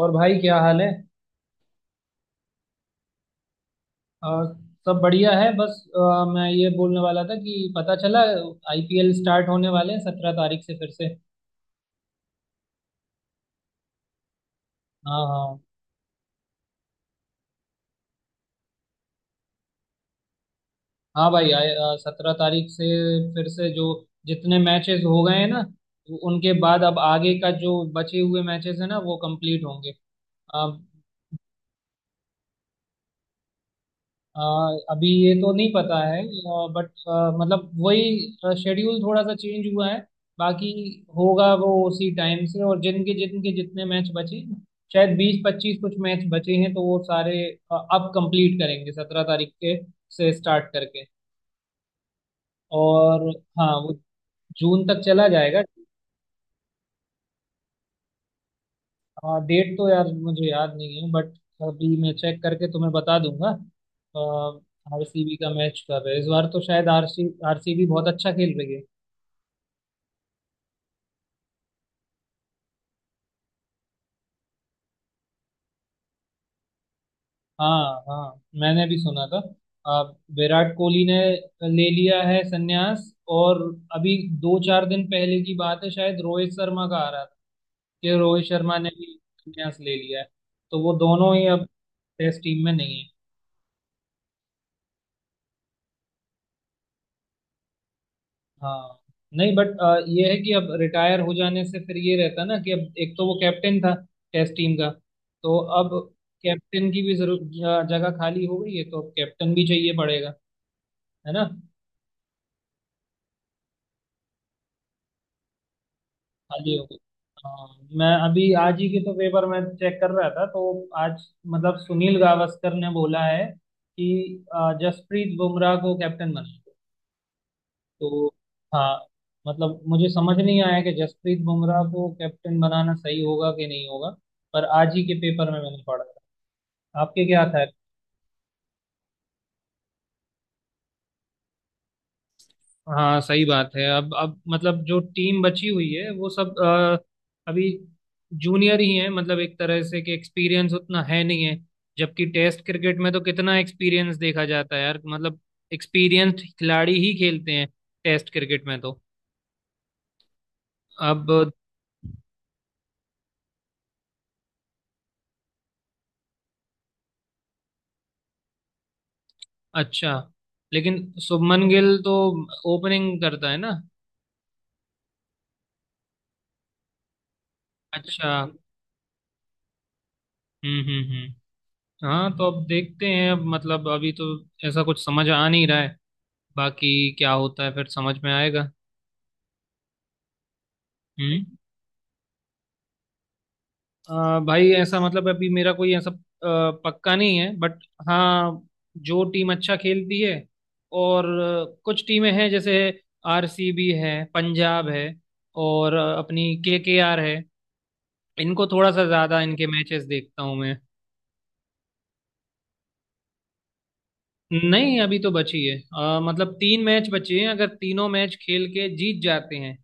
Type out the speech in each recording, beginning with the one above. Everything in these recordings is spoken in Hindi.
और भाई क्या हाल है। और सब बढ़िया है बस मैं ये बोलने वाला था कि पता चला आईपीएल स्टार्ट होने वाले हैं 17 तारीख से फिर से। हाँ हाँ। हाँ भाई 17 तारीख से फिर से जो जितने मैचेस हो गए हैं ना, उनके बाद अब आगे का जो बचे हुए मैचेस है ना वो कंप्लीट होंगे। अ, अभी ये तो नहीं पता है, बट मतलब वही शेड्यूल थोड़ा सा चेंज हुआ है। बाकी होगा वो उसी टाइम से, और जिनके जिनके जितने मैच बचे हैं, शायद 20-25 कुछ मैच बचे हैं, तो वो सारे अब कंप्लीट करेंगे 17 तारीख के से स्टार्ट करके। और हाँ वो जून तक चला जाएगा। डेट तो यार मुझे याद नहीं है, बट अभी मैं चेक करके तुम्हें बता दूंगा। आरसीबी का मैच कर रहे हैं इस बार, तो शायद आरसीबी बहुत अच्छा खेल रही है। हाँ हाँ, मैंने भी सुना था। आ, विराट कोहली ने ले लिया है संन्यास। और अभी दो चार दिन पहले की बात है, शायद रोहित शर्मा का आ रहा था कि रोहित शर्मा ने भी संन्यास ले लिया है। तो वो दोनों ही अब टेस्ट टीम में नहीं है। हाँ, नहीं बट ये है कि अब रिटायर हो जाने से फिर ये रहता ना कि अब, एक तो वो कैप्टन था टेस्ट टीम का, तो अब कैप्टन की भी जरूर जगह खाली हो गई है, तो अब कैप्टन भी चाहिए पड़ेगा, है ना। खाली हो गई। हाँ, मैं अभी आज ही के तो पेपर में चेक कर रहा था, तो आज मतलब सुनील गावस्कर ने बोला है कि जसप्रीत बुमराह को कैप्टन बना दो। तो हाँ, मतलब मुझे समझ नहीं आया कि जसप्रीत बुमराह को कैप्टन बनाना सही होगा कि नहीं होगा। पर आज ही के पेपर में मैंने पढ़ा था। आपके क्या था। हाँ सही बात है, अब मतलब जो टीम बची हुई है वो सब अभी जूनियर ही है, मतलब एक तरह से कि एक्सपीरियंस उतना है नहीं है। जबकि टेस्ट क्रिकेट में तो कितना एक्सपीरियंस देखा जाता है यार, मतलब एक्सपीरियंस्ड खिलाड़ी ही खेलते हैं टेस्ट क्रिकेट में तो। अब अच्छा, लेकिन शुभमन गिल तो ओपनिंग करता है ना। अच्छा। हम्म। हाँ तो अब देखते हैं, अब मतलब अभी तो ऐसा कुछ समझ आ नहीं रहा है। बाकी क्या होता है फिर समझ में आएगा। हम्म। भाई ऐसा, मतलब अभी मेरा कोई ऐसा पक्का नहीं है, बट हाँ, जो टीम अच्छा खेलती है, और कुछ टीमें हैं जैसे आरसीबी है, पंजाब है, और अपनी केकेआर है। इनको थोड़ा सा ज़्यादा, इनके मैचेस देखता हूँ मैं। नहीं, अभी तो बची है मतलब 3 मैच बचे हैं, अगर तीनों मैच खेल के जीत जाते हैं,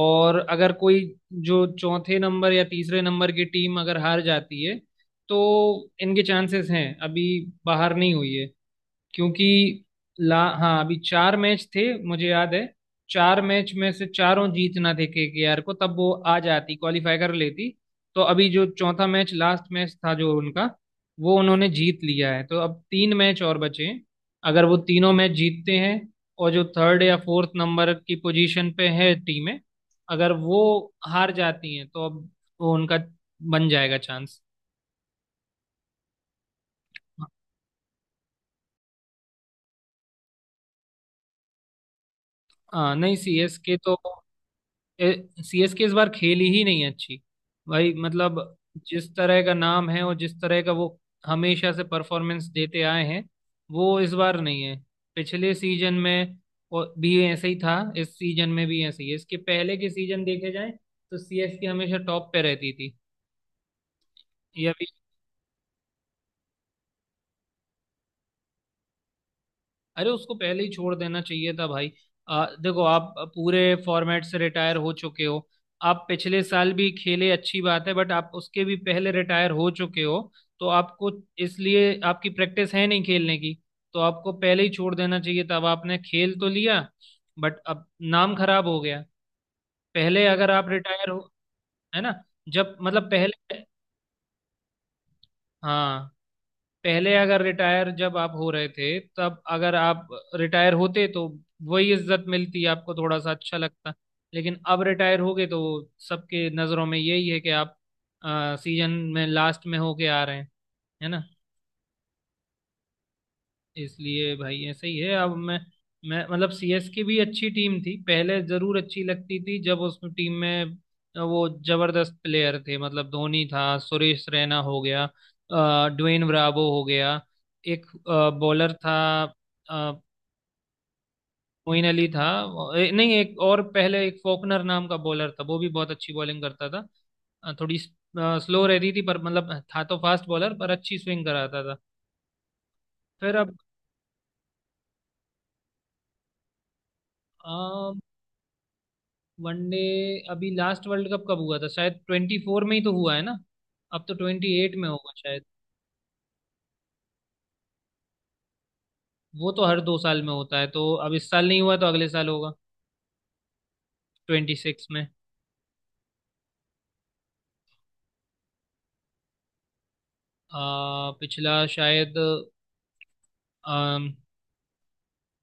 और अगर कोई जो चौथे नंबर या तीसरे नंबर की टीम अगर हार जाती है, तो इनके चांसेस हैं अभी। बाहर नहीं हुई है। क्योंकि ला हाँ अभी 4 मैच थे मुझे याद है। 4 मैच में से चारों जीतना थे केकेआर को, तब वो आ जाती, क्वालिफाई कर लेती। तो अभी जो चौथा मैच, लास्ट मैच था जो उनका, वो उन्होंने जीत लिया है, तो अब 3 मैच और बचे हैं। अगर वो तीनों मैच जीतते हैं, और जो थर्ड या फोर्थ नंबर की पोजीशन पे है टीमें, अगर वो हार जाती हैं तो अब वो उनका बन जाएगा चांस। हाँ, नहीं सीएसके तो, सीएसके इस बार खेली ही नहीं अच्छी। भाई मतलब, जिस तरह का नाम है और जिस तरह का वो हमेशा से परफॉर्मेंस देते आए हैं, वो इस बार नहीं है। पिछले सीजन में और भी ऐसे ही था, इस सीजन में भी ऐसे ही है, इसके पहले के सीजन देखे जाए तो सीएसके हमेशा टॉप पे रहती थी। या अरे, उसको पहले ही छोड़ देना चाहिए था भाई। देखो, आप पूरे फॉर्मेट से रिटायर हो चुके हो। आप पिछले साल भी खेले, अच्छी बात है, बट आप उसके भी पहले रिटायर हो चुके हो, तो आपको, इसलिए आपकी प्रैक्टिस है नहीं खेलने की, तो आपको पहले ही छोड़ देना चाहिए था। अब आपने खेल तो लिया बट अब नाम खराब हो गया। पहले अगर आप रिटायर हो, है ना, जब मतलब पहले, हाँ, पहले अगर रिटायर जब आप हो रहे थे, तब अगर आप रिटायर होते तो वही इज्जत मिलती आपको, थोड़ा सा अच्छा लगता। लेकिन अब रिटायर हो गए तो सबके नजरों में यही है कि आप सीजन में लास्ट में होके आ रहे हैं, है ना। इसलिए भाई ऐसा ही है। अब मैं मतलब सीएसके भी अच्छी टीम थी पहले, जरूर अच्छी लगती थी जब उस टीम में वो जबरदस्त प्लेयर थे। मतलब धोनी था, सुरेश रैना हो गया, ड्वेन ब्रावो हो गया, एक बॉलर था, अ, मोइन अली था। नहीं, एक और पहले एक फोकनर नाम का बॉलर था, वो भी बहुत अच्छी बॉलिंग करता था। थोड़ी स्लो रहती थी, पर मतलब था तो फास्ट बॉलर, पर अच्छी स्विंग कराता था। फिर अब वनडे, अभी लास्ट वर्ल्ड कप कब हुआ था, शायद 2024 में ही तो हुआ है ना। अब तो 2028 में होगा शायद। वो तो हर 2 साल में होता है, तो अब इस साल नहीं हुआ तो अगले साल होगा, 2026 में। पिछला शायद, अम,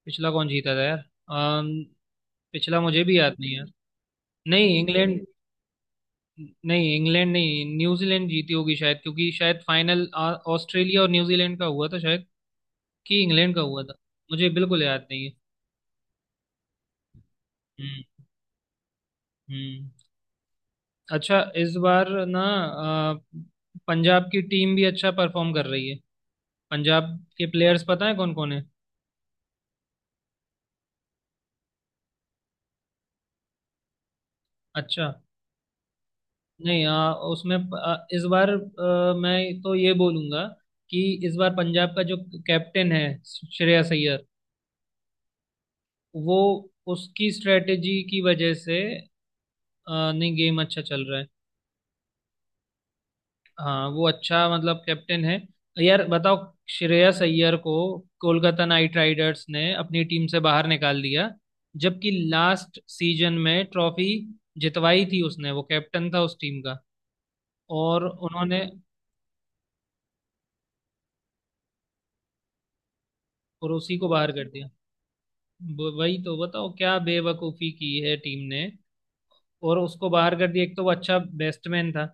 पिछला कौन जीता था यार, अम, पिछला मुझे भी याद नहीं है। नहीं इंग्लैंड, नहीं इंग्लैंड नहीं, न्यूजीलैंड जीती होगी शायद, क्योंकि शायद फाइनल ऑस्ट्रेलिया और न्यूजीलैंड का हुआ था शायद, कि इंग्लैंड का हुआ था। मुझे बिल्कुल याद नहीं है। हम्म हम्म। अच्छा, इस बार ना अ, पंजाब की टीम भी अच्छा परफॉर्म कर रही है। पंजाब के प्लेयर्स पता है कौन कौन है। अच्छा, नहीं उसमें इस बार मैं तो ये बोलूंगा कि इस बार पंजाब का जो कैप्टन है, श्रेयस अय्यर, वो, उसकी स्ट्रेटेजी की वजह से नहीं, गेम अच्छा चल रहा है। हाँ वो अच्छा, मतलब कैप्टन है। यार बताओ, श्रेयस अय्यर को कोलकाता नाइट राइडर्स ने अपनी टीम से बाहर निकाल दिया, जबकि लास्ट सीजन में ट्रॉफी जितवाई थी उसने, वो कैप्टन था उस टीम का, और उन्होंने, और उसी को बाहर कर दिया। वही तो बताओ, क्या बेवकूफी की है टीम ने, और उसको बाहर कर दिया। एक तो वो अच्छा बैट्समैन था,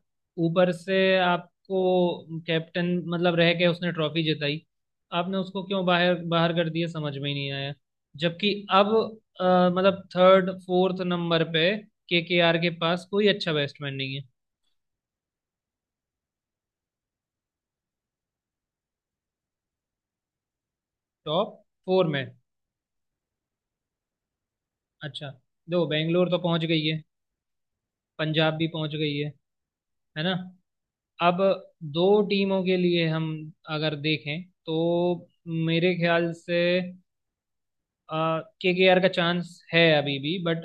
ऊपर से, आपको कैप्टन मतलब रह के उसने ट्रॉफी जिताई, आपने उसको क्यों बाहर बाहर कर दिया, समझ में ही नहीं आया। जबकि अब मतलब थर्ड फोर्थ नंबर पे केकेआर के पास कोई अच्छा बैट्समैन नहीं है। टॉप फोर में, अच्छा, दो, बेंगलोर तो पहुंच गई है, पंजाब भी पहुंच गई है ना। अब दो टीमों के लिए, हम अगर देखें तो, मेरे ख्याल से के आर का चांस है अभी भी, बट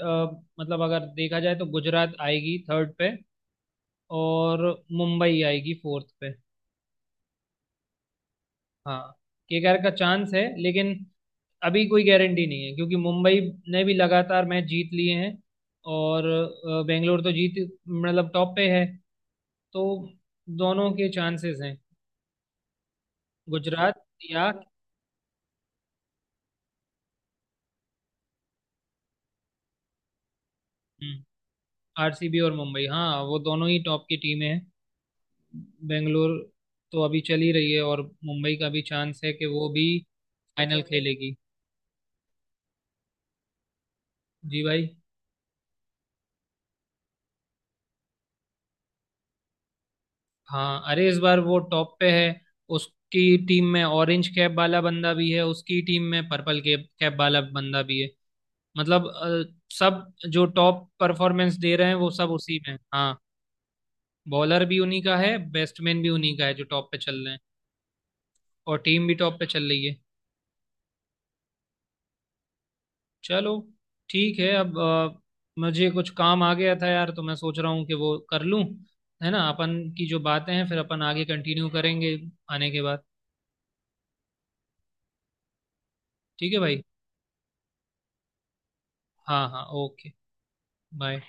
मतलब अगर देखा जाए तो गुजरात आएगी थर्ड पे और मुंबई आएगी फोर्थ पे। हाँ के आर का चांस है लेकिन, अभी कोई गारंटी नहीं है क्योंकि मुंबई ने भी लगातार मैच जीत लिए हैं, और बेंगलोर तो जीत मतलब टॉप पे है, तो दोनों के चांसेस हैं, गुजरात या, आरसीबी और मुंबई, हाँ वो दोनों ही टॉप की टीमें हैं। बेंगलोर तो अभी चल ही रही है, और मुंबई का भी चांस है कि वो भी फाइनल खेलेगी। जी भाई। हाँ अरे इस बार वो टॉप पे है, उसकी टीम में ऑरेंज कैप वाला बंदा भी है, उसकी टीम में पर्पल कैप कैप वाला बंदा भी है। मतलब सब जो टॉप परफॉर्मेंस दे रहे हैं वो सब उसी में हैं। हाँ, बॉलर भी उन्हीं का है, बैट्समैन भी उन्हीं का है जो टॉप पे चल रहे हैं, और टीम भी टॉप पे चल रही है। चलो ठीक है। अब मुझे कुछ काम आ गया था यार, तो मैं सोच रहा हूँ कि वो कर लूँ, है ना। अपन की जो बातें हैं, फिर अपन आगे कंटिन्यू करेंगे आने के बाद। ठीक है भाई। हाँ हाँ ओके। बाय।